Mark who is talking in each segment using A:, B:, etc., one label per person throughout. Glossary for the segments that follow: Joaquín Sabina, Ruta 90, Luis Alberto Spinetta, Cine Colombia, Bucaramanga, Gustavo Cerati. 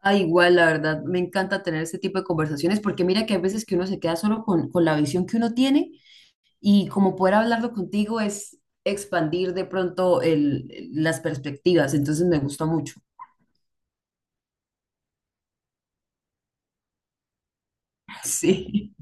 A: Ah, igual, la verdad, me encanta tener este tipo de conversaciones porque mira que hay veces que uno se queda solo con la visión que uno tiene y como poder hablarlo contigo es expandir de pronto las perspectivas, entonces me gusta mucho. Sí.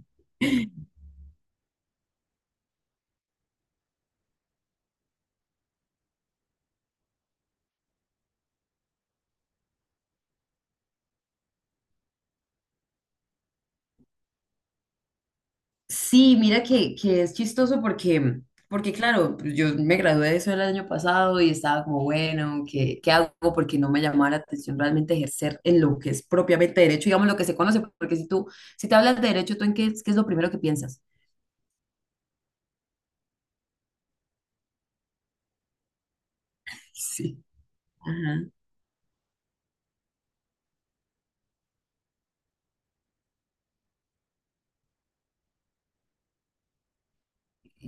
A: Sí, mira que es chistoso porque, porque claro, pues yo me gradué de eso el año pasado y estaba como, bueno, ¿qué hago? Porque no me llamaba la atención realmente ejercer en lo que es propiamente derecho, digamos, lo que se conoce, porque si te hablas de derecho, ¿tú en qué, qué es lo primero que piensas? Sí. Ajá.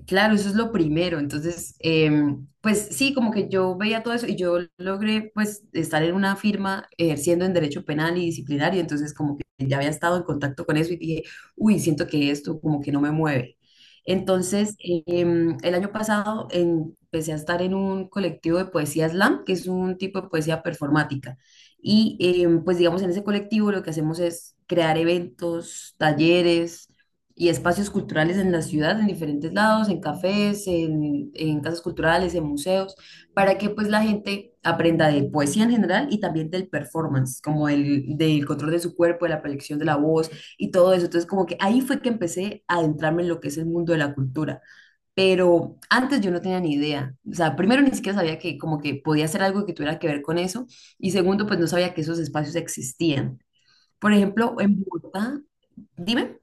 A: Claro, eso es lo primero. Entonces, pues sí, como que yo veía todo eso y yo logré pues estar en una firma ejerciendo en derecho penal y disciplinario, entonces como que ya había estado en contacto con eso y dije, uy, siento que esto como que no me mueve. Entonces, el año pasado empecé a estar en un colectivo de poesía slam, que es un tipo de poesía performática. Y pues digamos, en ese colectivo lo que hacemos es crear eventos, talleres y espacios culturales en la ciudad, en diferentes lados, en cafés, en casas culturales, en museos, para que pues la gente aprenda de poesía en general y también del performance, como el del control de su cuerpo, de la proyección de la voz y todo eso. Entonces como que ahí fue que empecé a adentrarme en lo que es el mundo de la cultura, pero antes yo no tenía ni idea. O sea, primero ni siquiera sabía que como que podía hacer algo que tuviera que ver con eso y segundo pues no sabía que esos espacios existían. Por ejemplo, en Bogotá, dime.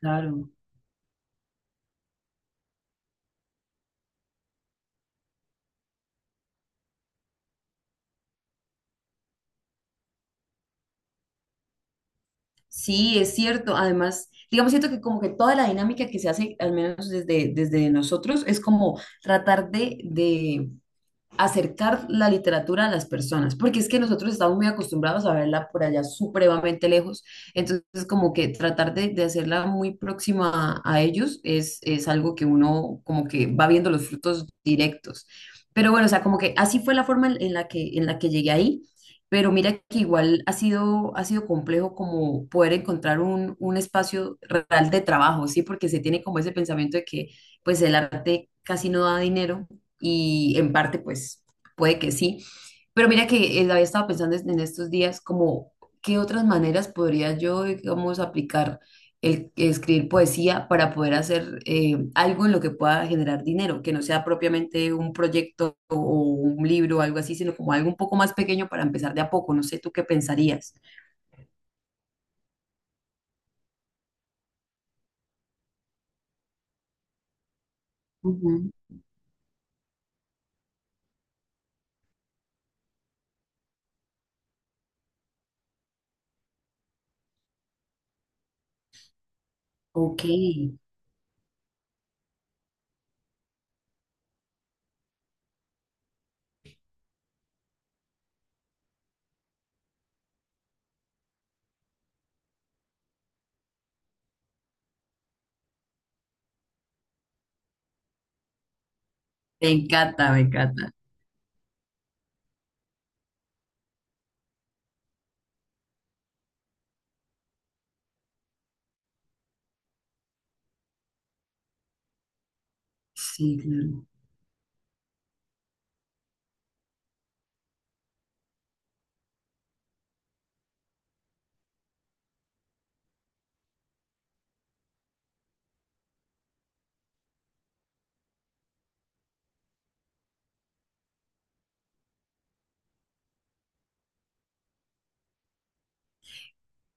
A: Claro. Sí, es cierto. Además, digamos, siento que como que toda la dinámica que se hace, al menos desde nosotros, es como tratar de acercar la literatura a las personas, porque es que nosotros estamos muy acostumbrados a verla por allá supremamente lejos, entonces como que tratar de hacerla muy próxima a ellos es algo que uno como que va viendo los frutos directos. Pero bueno, o sea, como que así fue la forma en la que en la que llegué ahí, pero mira que igual ha sido complejo como poder encontrar un espacio real de trabajo, ¿sí? Porque se tiene como ese pensamiento de que pues el arte casi no da dinero y en parte pues puede que sí, pero mira que había estado pensando en estos días como qué otras maneras podría yo, digamos, aplicar el escribir poesía para poder hacer algo en lo que pueda generar dinero, que no sea propiamente un proyecto o un libro o algo así, sino como algo un poco más pequeño para empezar de a poco. No sé, ¿tú qué pensarías? Ujú. Ok, me encanta, me encanta. Sí, claro.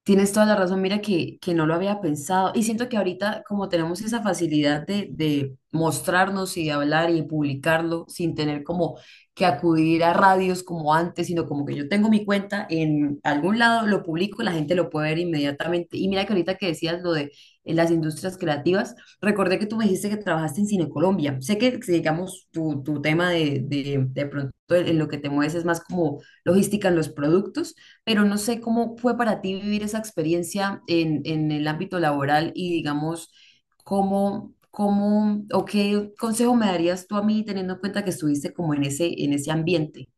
A: Tienes toda la razón, mira que no lo había pensado y siento que ahorita como tenemos esa facilidad de mostrarnos y de hablar y publicarlo sin tener como que acudir a radios como antes, sino como que yo tengo mi cuenta en algún lado, lo publico, la gente lo puede ver inmediatamente. Y mira que ahorita que decías lo de las industrias creativas, recordé que tú me dijiste que trabajaste en Cine Colombia. Sé que, digamos, tu tema de de pronto en lo que te mueves es más como logística en los productos, pero no sé cómo fue para ti vivir esa experiencia en el ámbito laboral y digamos, cómo o qué consejo me darías tú a mí teniendo en cuenta que estuviste como en en ese ambiente.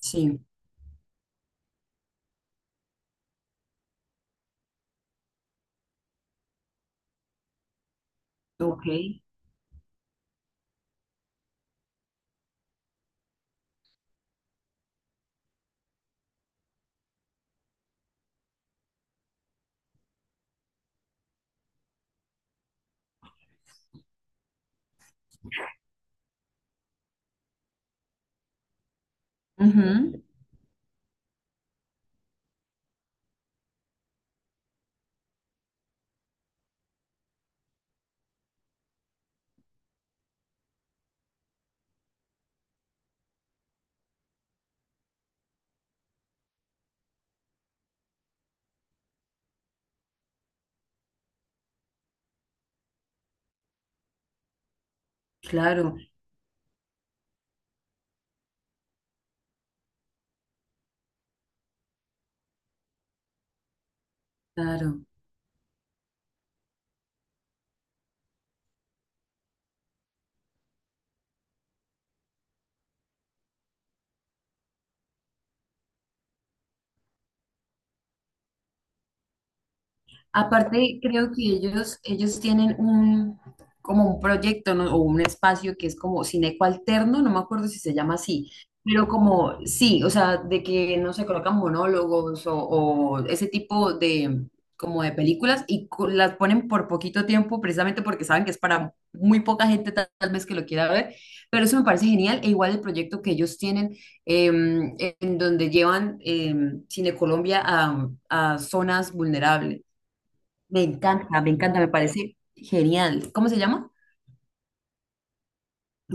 A: Sí, ok. Ujú. Claro, claro. Aparte, creo que ellos tienen como un proyecto, ¿no? o un espacio que es como Cineco Alterno, no me acuerdo si se llama así, pero como sí, o sea, de que no se colocan monólogos o ese tipo de, como de películas y las ponen por poquito tiempo precisamente porque saben que es para muy poca gente tal vez que lo quiera ver, pero eso me parece genial e igual el proyecto que ellos tienen en donde llevan Cine Colombia a zonas vulnerables. Me encanta, me encanta, me parece genial. ¿Cómo se llama?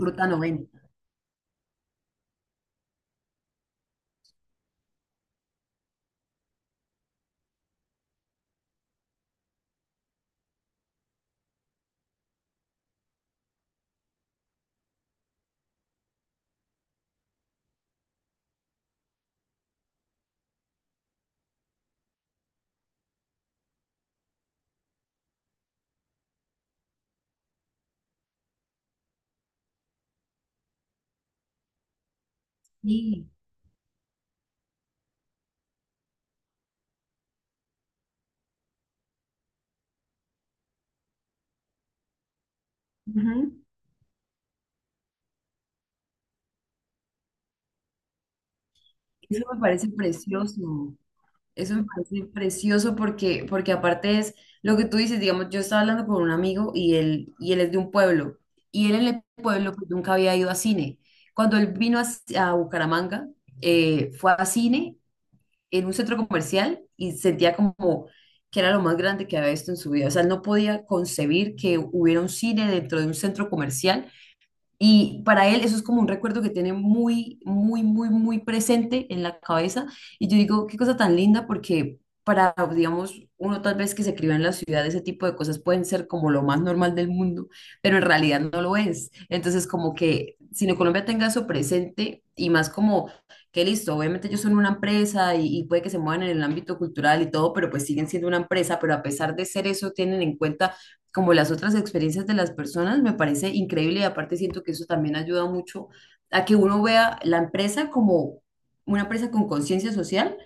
A: Ruta 90. Sí. Ujú. Eso me parece precioso. Eso me parece precioso porque, porque aparte es lo que tú dices, digamos, yo estaba hablando con un amigo y él es de un pueblo. Y él en el pueblo pues, nunca había ido a cine. Cuando él vino a Bucaramanga, fue a cine en un centro comercial y sentía como que era lo más grande que había visto en su vida. O sea, él no podía concebir que hubiera un cine dentro de un centro comercial y para él eso es como un recuerdo que tiene muy presente en la cabeza. Y yo digo, qué cosa tan linda, porque para, digamos, uno tal vez que se crió en la ciudad, ese tipo de cosas pueden ser como lo más normal del mundo, pero en realidad no lo es. Entonces, como que Sino Colombia tenga eso presente y más como que listo, obviamente ellos son una empresa y puede que se muevan en el ámbito cultural y todo, pero pues siguen siendo una empresa, pero a pesar de ser eso, tienen en cuenta como las otras experiencias de las personas, me parece increíble y aparte siento que eso también ayuda mucho a que uno vea la empresa como una empresa con conciencia social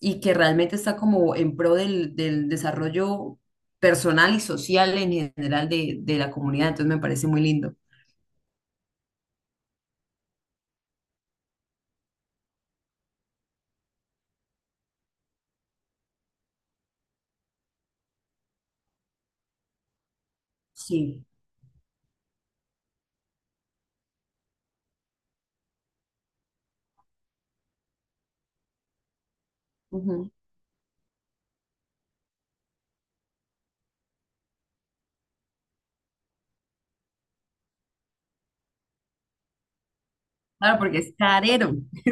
A: y que realmente está como en pro del desarrollo personal y social en general de la comunidad. Entonces me parece muy lindo. Sí. Ujú. Claro, porque es carero,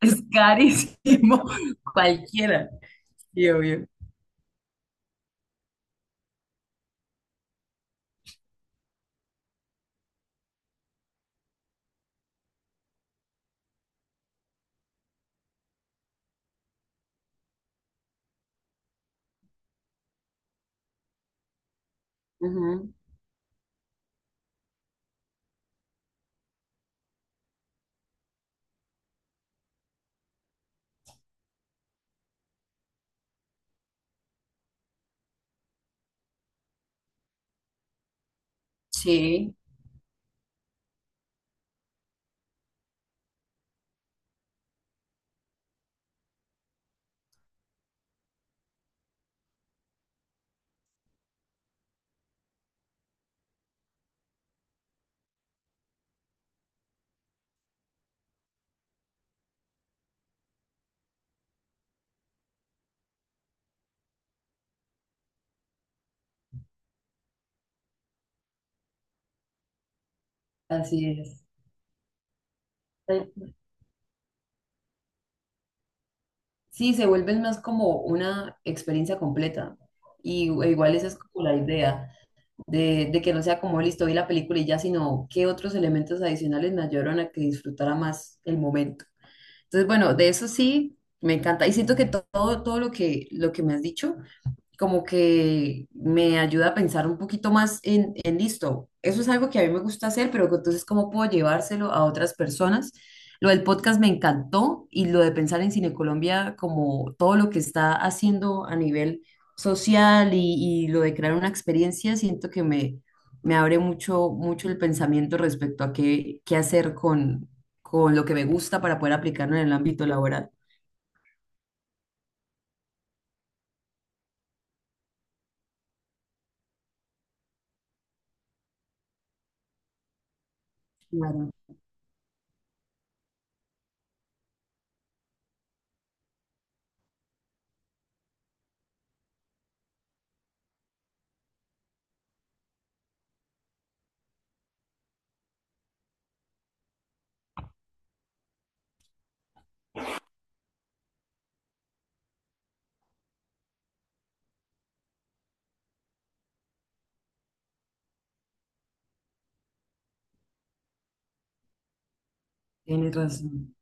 A: es carísimo cualquiera. Sí, obvio. Ujú. Sí, así es. Sí, se vuelven más como una experiencia completa. Y igual esa es como la idea, de que no sea como listo, vi la película y ya, sino qué otros elementos adicionales me ayudaron a que disfrutara más el momento. Entonces, bueno, de eso sí, me encanta. Y siento que todo, todo lo que me has dicho como que me ayuda a pensar un poquito más en listo. Eso es algo que a mí me gusta hacer, pero que entonces cómo puedo llevárselo a otras personas. Lo del podcast me encantó y lo de pensar en Cine Colombia como todo lo que está haciendo a nivel social y lo de crear una experiencia, siento que me abre mucho, mucho el pensamiento respecto a qué hacer con lo que me gusta para poder aplicarlo en el ámbito laboral. Claro, tienes razón.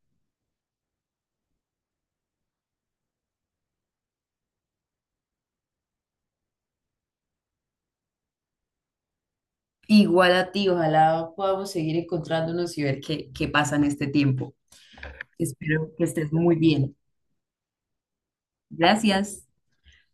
A: Igual a ti, ojalá podamos seguir encontrándonos y ver qué pasa en este tiempo. Espero que estés muy bien. Gracias.